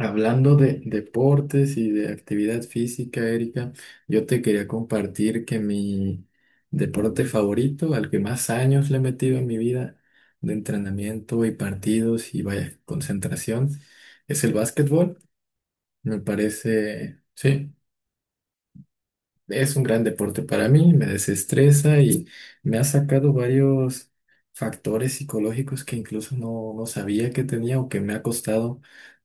Hablando de deportes y de actividad física, Erika, yo te quería compartir que mi deporte favorito, al que más años le he metido en mi vida de entrenamiento y partidos y vaya concentración, es el básquetbol. Me parece, sí, es un gran deporte para mí, me desestresa y me ha sacado varios factores psicológicos que incluso no sabía que tenía o que me ha costado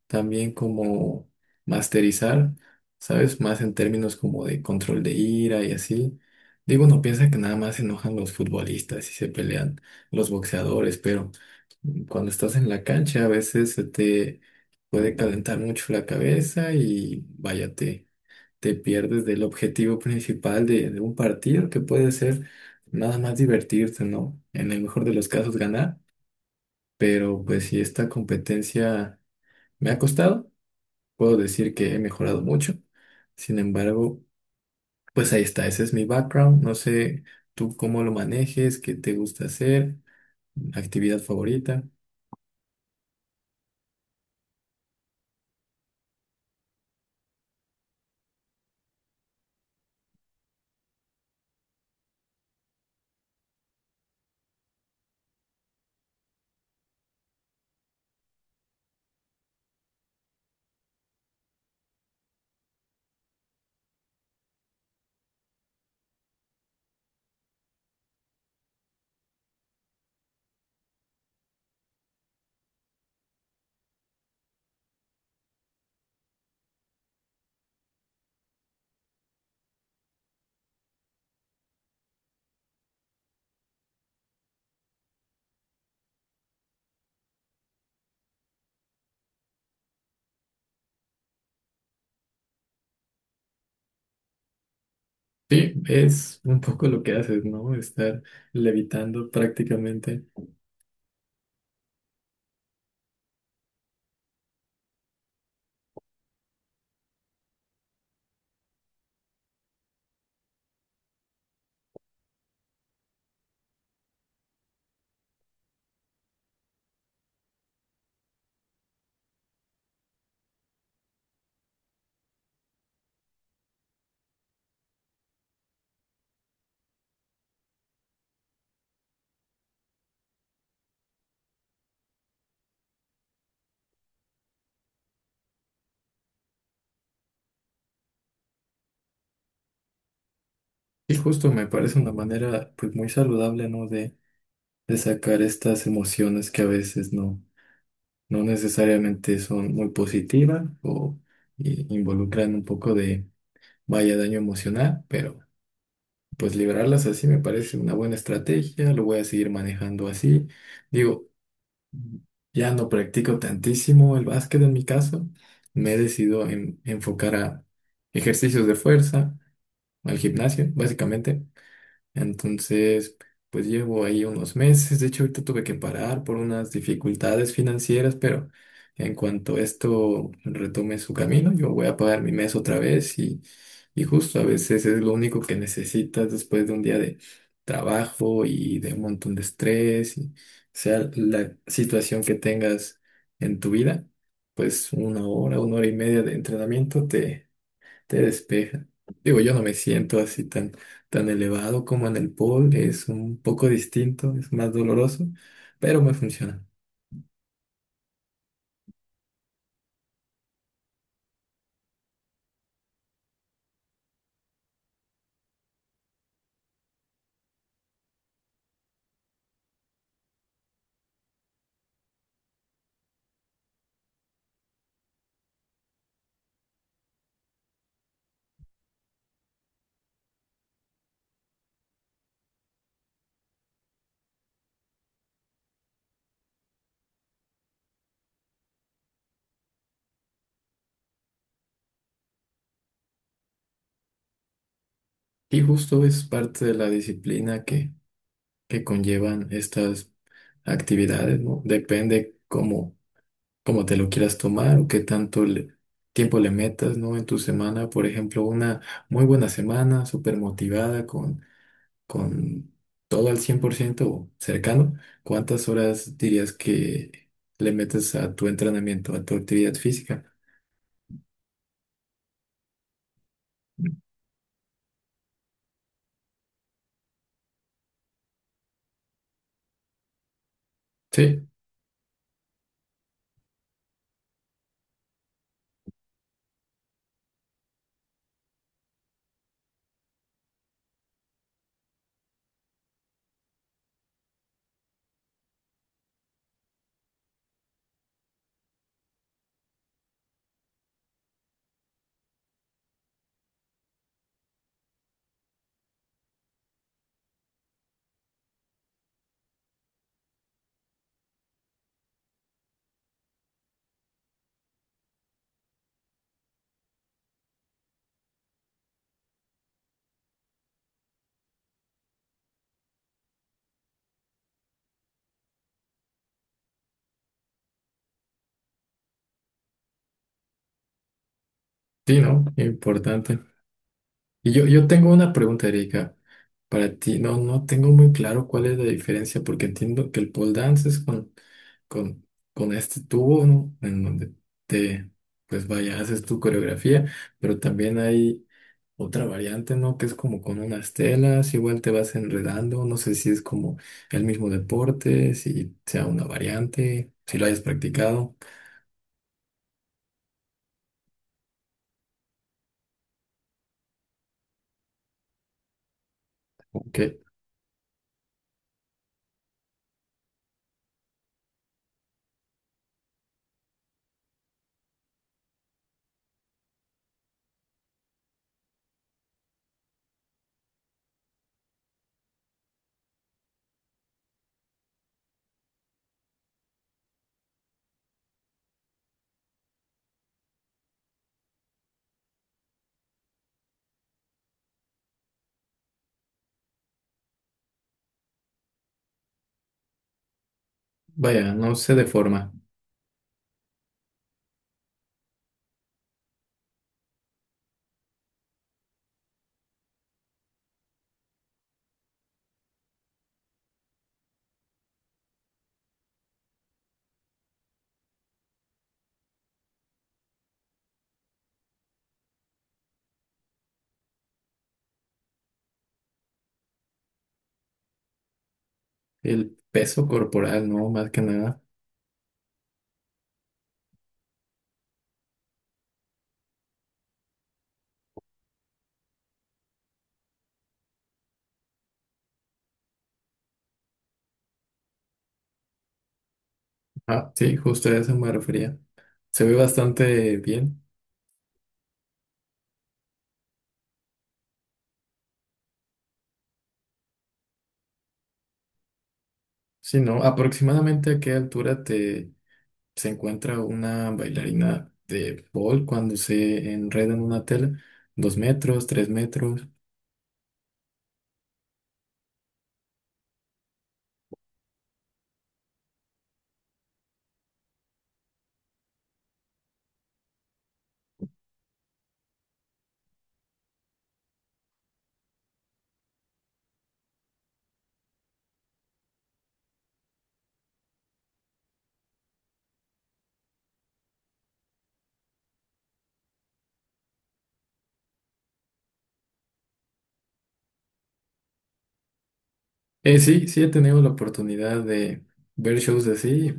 también como masterizar, ¿sabes? Más en términos como de control de ira y así. Digo, uno piensa que nada más se enojan los futbolistas y se pelean los boxeadores, pero cuando estás en la cancha a veces se te puede calentar mucho la cabeza y vaya, te pierdes del objetivo principal de un partido que puede ser nada más divertirte, ¿no? En el mejor de los casos ganar, pero pues si esta competencia me ha costado puedo decir que he mejorado mucho. Sin embargo, pues ahí está, ese es mi background. No sé tú cómo lo manejes, qué te gusta hacer, actividad favorita. Sí, es un poco lo que haces, ¿no? Estar levitando prácticamente. Y justo me parece una manera pues muy saludable, ¿no? De sacar estas emociones que a veces no necesariamente son muy positivas o involucran un poco de vaya daño emocional, pero... Pues liberarlas así me parece una buena estrategia, lo voy a seguir manejando así. Digo, ya no practico tantísimo el básquet en mi caso, me he decidido enfocar a ejercicios de fuerza, al gimnasio, básicamente. Entonces, pues llevo ahí unos meses. De hecho, ahorita tuve que parar por unas dificultades financieras, pero en cuanto esto retome su camino, yo voy a pagar mi mes otra vez y justo a veces es lo único que necesitas después de un día de trabajo y de un montón de estrés, y sea la situación que tengas en tu vida, pues una hora y media de entrenamiento te despeja. Digo, yo no me siento así tan elevado como en el pole. Es un poco distinto, es más doloroso, pero me funciona. Y justo es parte de la disciplina que conllevan estas actividades, ¿no? Depende cómo te lo quieras tomar o qué tanto tiempo le metas, ¿no? En tu semana, por ejemplo, una muy buena semana, súper motivada con todo al 100% o cercano, ¿cuántas horas dirías que le metes a tu entrenamiento, a tu actividad física? Sí, sí, ¿no? Importante. Y yo tengo una pregunta, Erika, para ti. No tengo muy claro cuál es la diferencia, porque entiendo que el pole dance es con, con este tubo, ¿no? En donde te, pues vaya, haces tu coreografía, pero también hay otra variante, ¿no? Que es como con unas telas, igual te vas enredando, no sé si es como el mismo deporte, si sea una variante, si lo hayas practicado, que vaya, no se deforma. El peso corporal, ¿no? Más que nada. Ah, sí, justo a eso me refería. Se ve bastante bien. Sí, ¿no? ¿Aproximadamente a qué altura te se encuentra una bailarina de pole cuando se enreda en una tela? ¿2 metros, 3 metros? Sí he tenido la oportunidad de ver shows así.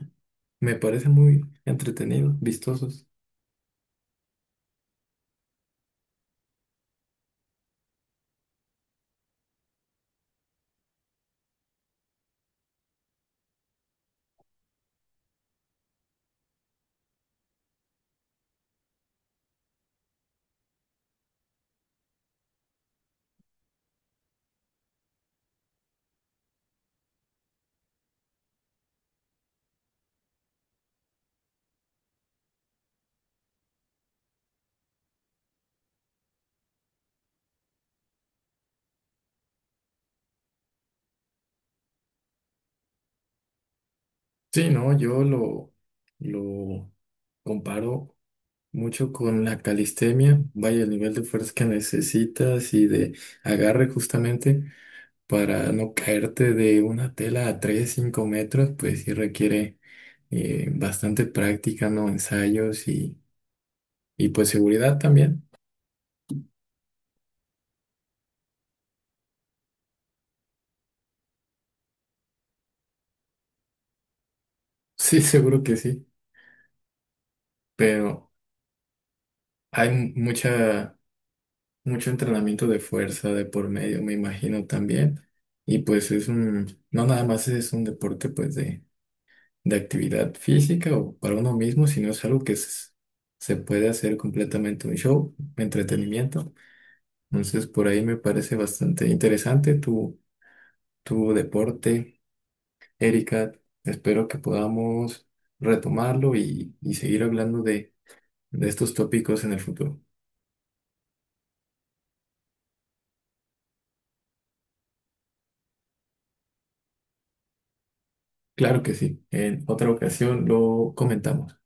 Me parece muy entretenido, vistosos. Sí, no, yo lo comparo mucho con la calistenia. Vaya, el nivel de fuerza que necesitas y de agarre justamente para no caerte de una tela a 3 5 metros, pues sí requiere bastante práctica, ¿no? Ensayos y pues seguridad también. Sí, seguro que sí, pero hay mucha mucho entrenamiento de fuerza de por medio, me imagino también. Y pues es un, no nada más es un deporte pues de actividad física o para uno mismo, sino es algo que se puede hacer completamente un show, entretenimiento. Entonces por ahí me parece bastante interesante tu deporte, Erika. Espero que podamos retomarlo y seguir hablando de estos tópicos en el futuro. Claro que sí, en otra ocasión lo comentamos.